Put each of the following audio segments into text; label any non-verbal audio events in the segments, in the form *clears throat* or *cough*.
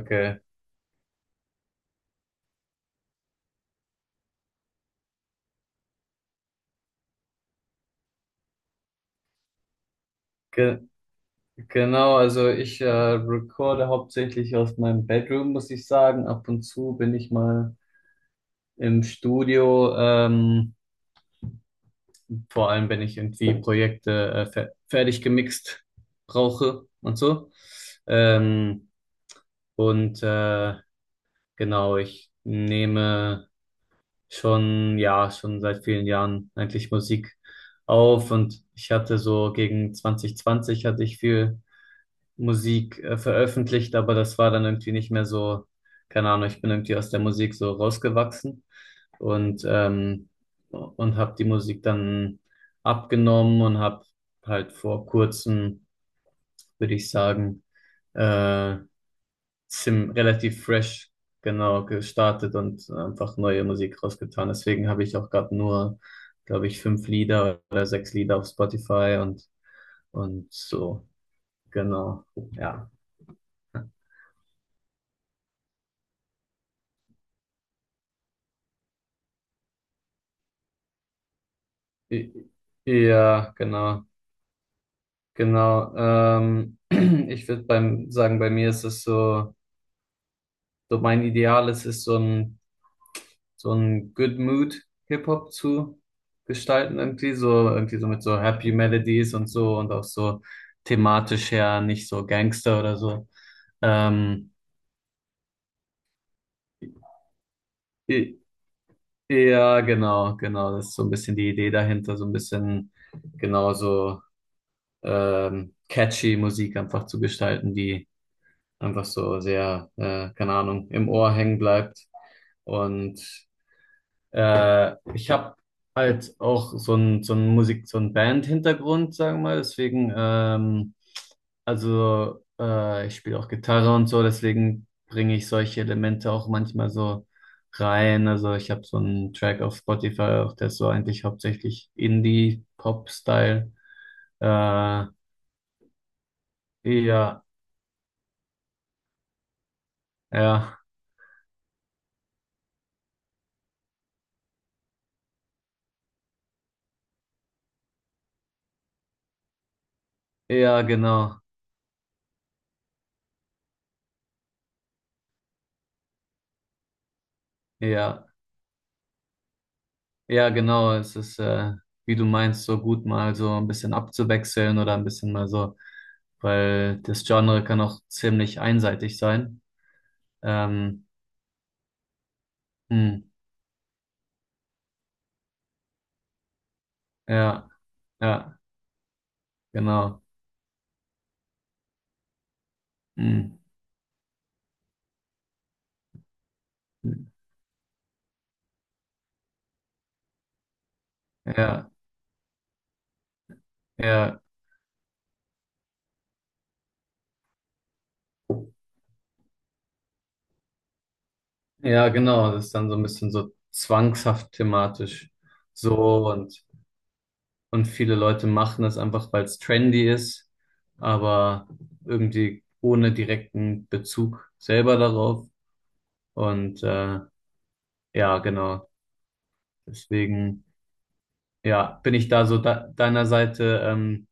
Okay. Ge genau, also ich recorde hauptsächlich aus meinem Bedroom, muss ich sagen. Ab und zu bin ich mal im Studio, vor allem wenn ich irgendwie Projekte fe fertig gemixt brauche und so. Ähm, und genau, ich nehme schon, ja, schon seit vielen Jahren eigentlich Musik auf, und ich hatte so gegen 2020 hatte ich viel Musik veröffentlicht, aber das war dann irgendwie nicht mehr so, keine Ahnung, ich bin irgendwie aus der Musik so rausgewachsen, und, ähm, und habe die Musik dann abgenommen und habe halt vor kurzem, würde ich sagen, äh, zim relativ fresh genau gestartet und einfach neue Musik rausgetan. Deswegen habe ich auch gerade nur, glaube ich, fünf Lieder oder sechs Lieder auf Spotify, und so, genau, ja. I- Ja, genau, genau. *clears throat* Ich würde bei mir ist es so, so mein Ideal ist es so ein Good Mood Hip-Hop zu gestalten, irgendwie so mit so Happy Melodies und so und auch so thematisch ja nicht so Gangster oder so. Ähm, i- ja, genau, genau. Das ist so ein bisschen die Idee dahinter, so ein bisschen genauso catchy Musik einfach zu gestalten, die einfach so sehr, keine Ahnung, im Ohr hängen bleibt. Und ich habe halt auch so ein Musik, so ein Band-Hintergrund, sagen wir mal. Deswegen, also ich spiele auch Gitarre und so, deswegen bringe ich solche Elemente auch manchmal so rein. Also ich habe so einen Track auf Spotify, auch der ist so eigentlich hauptsächlich Indie-Pop-Style. Ja ja, ja, genau. Ja. Ja, genau. Es ist, wie du meinst, so gut mal so ein bisschen abzuwechseln oder ein bisschen mal so, weil das Genre kann auch ziemlich einseitig sein. Ähm, hm, ja, ja, genau. Hm, ja, ja, ja, genau. Das ist dann so ein bisschen so zwangshaft thematisch. So und viele Leute machen das einfach, weil es trendy ist, aber irgendwie ohne direkten Bezug selber darauf. Und, ja, genau. Deswegen, ja, bin ich da so da, deiner Seite,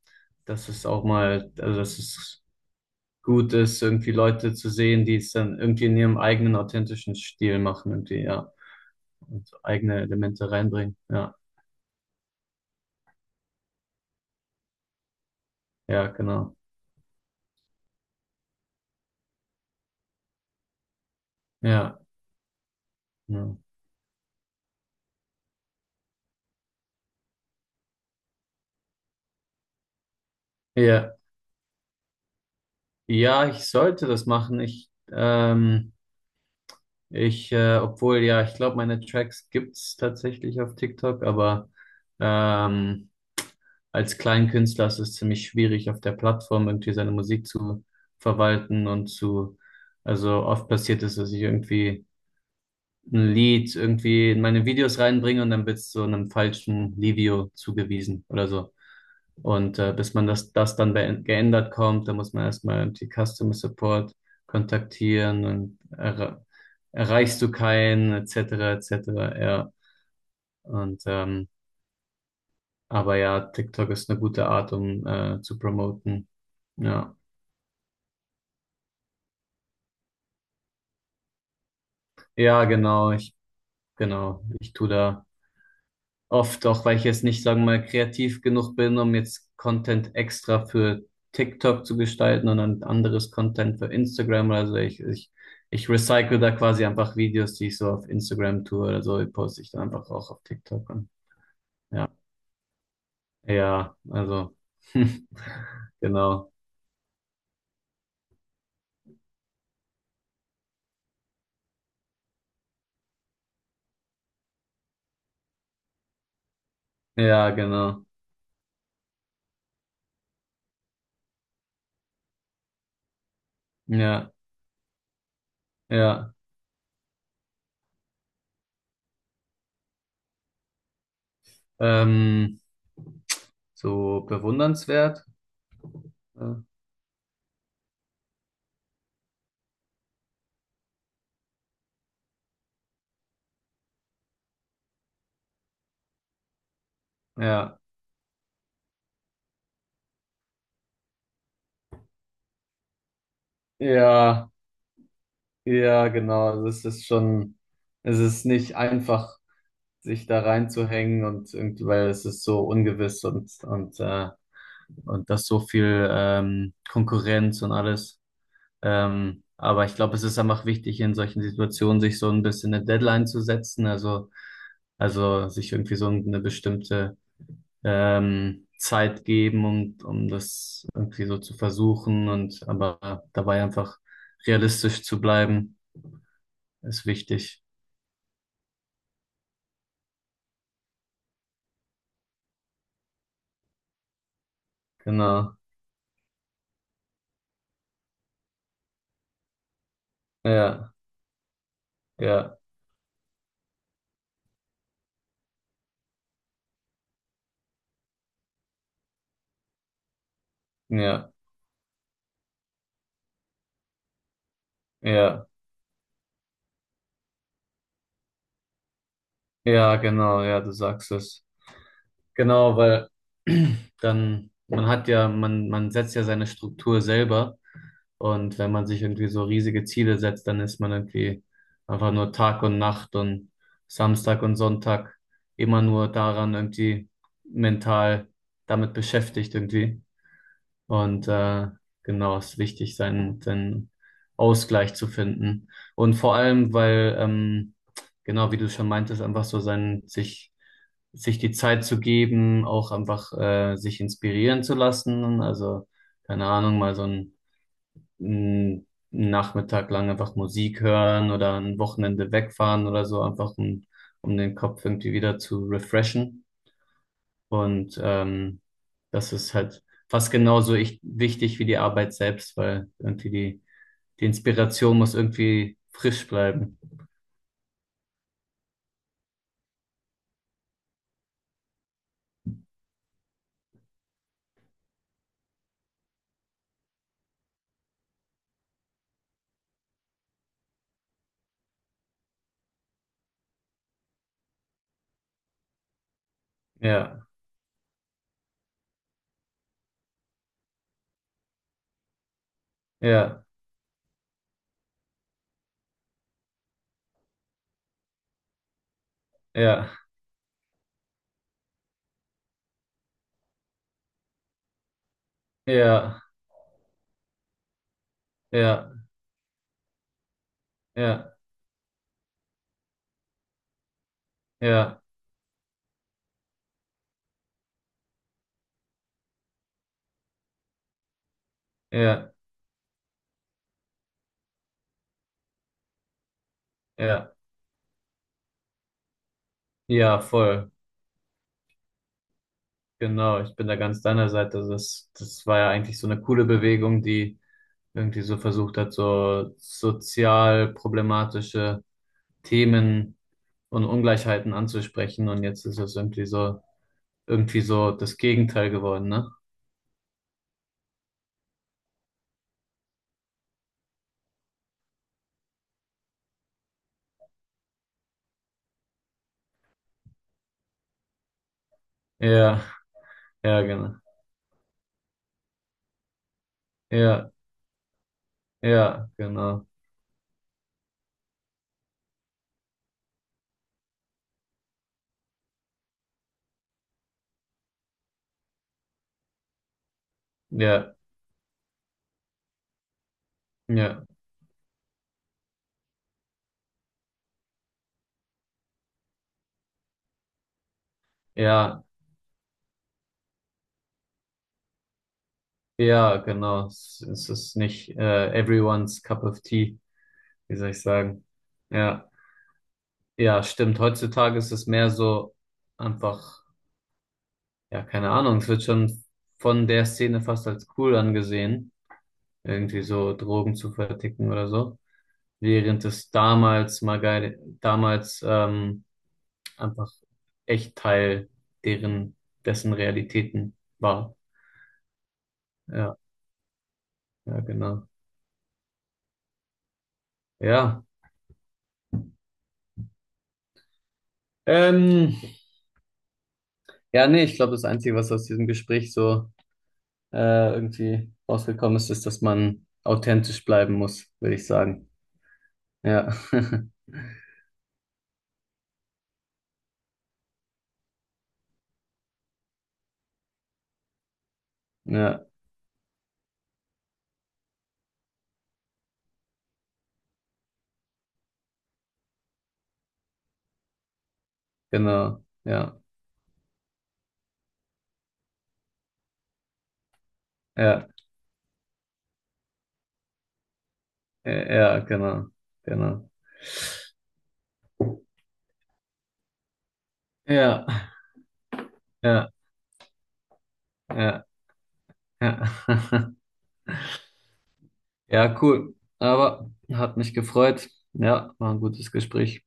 dass es auch mal, also dass es gut ist, irgendwie Leute zu sehen, die es dann irgendwie in ihrem eigenen authentischen Stil machen, irgendwie, ja, und eigene Elemente reinbringen. Ja, ja, genau. Ja, ja. Ja, ja, ich sollte das machen. Obwohl, ja, ich glaube, meine Tracks gibt's tatsächlich auf TikTok, aber ähm, als Kleinkünstler ist es ziemlich schwierig, auf der Plattform irgendwie seine Musik zu verwalten und zu, also oft passiert es, dass ich irgendwie ein Lied irgendwie in meine Videos reinbringe und dann wird's so einem falschen Livio zugewiesen oder so. Und bis man das, das dann geändert kommt, dann muss man erstmal die Customer Support kontaktieren und erreichst du keinen, etc., etc., ja. Und, aber ja, TikTok ist eine gute Art, um zu promoten. Ja, ja, genau, genau, ich tu da. Oft auch, weil ich jetzt nicht, sagen wir mal, kreativ genug bin, um jetzt Content extra für TikTok zu gestalten und dann anderes Content für Instagram. Also ich recycle da quasi einfach Videos, die ich so auf Instagram tue oder so, die poste ich dann einfach auch auf TikTok an. Ja, ja, also, *laughs* genau. Ja, genau. Ja, ja. Ähm, so bewundernswert. Äh, Ja, ja. Ja, genau. Also es ist schon, es ist nicht einfach, sich da reinzuhängen und irgendwie, weil es ist so ungewiss und und das so viel Konkurrenz und alles. Aber ich glaube, es ist einfach wichtig, in solchen Situationen sich so ein bisschen eine Deadline zu setzen. Also sich irgendwie so eine bestimmte Zeit geben, um das irgendwie so zu versuchen und aber dabei einfach realistisch zu bleiben, ist wichtig. Genau. Ja, ja, ja, ja, ja, genau, ja, du sagst es. Genau, weil *clears throat* dann, man hat ja, man setzt ja seine Struktur selber und wenn man sich irgendwie so riesige Ziele setzt, dann ist man irgendwie einfach nur Tag und Nacht und Samstag und Sonntag immer nur daran irgendwie mental damit beschäftigt irgendwie. Und genau, es ist wichtig, seinen Ausgleich zu finden. Und vor allem, weil, genau, wie du schon meintest, einfach so sein, sich die Zeit zu geben, auch einfach sich inspirieren zu lassen. Also, keine Ahnung, mal so einen Nachmittag lang einfach Musik hören oder ein Wochenende wegfahren oder so, einfach um den Kopf irgendwie wieder zu refreshen. Und das ist halt fast genauso wichtig wie die Arbeit selbst, weil irgendwie die Inspiration muss irgendwie frisch bleiben. Ja, ja, ja, ja, ja, ja, ja, ja, ja, ja, voll. Genau, ich bin da ganz deiner Seite. Also das war ja eigentlich so eine coole Bewegung, die irgendwie so versucht hat, so sozial problematische Themen und Ungleichheiten anzusprechen. Und jetzt ist es irgendwie so das Gegenteil geworden, ne? Ja, ja, genau. Ja, ja, genau. Ja, ja, ja, ja, genau. Es ist nicht everyone's cup of tea, wie soll ich sagen. Ja, ja, stimmt. Heutzutage ist es mehr so einfach, ja, keine Ahnung, es wird schon von der Szene fast als cool angesehen, irgendwie so Drogen zu verticken oder so. Während es damals mal geil, damals, einfach echt Teil deren, dessen Realitäten war. Ja, ja, genau. Ja. Ähm, ja, nee, ich glaube, das Einzige, was aus diesem Gespräch so irgendwie rausgekommen ist, ist, dass man authentisch bleiben muss, würde ich sagen. Ja. *laughs* Ja, genau. Ja. Ja. Ja, genau. Genau. Ja. Ja. Ja. Ja. *laughs* Ja, cool. Aber hat mich gefreut. Ja, war ein gutes Gespräch.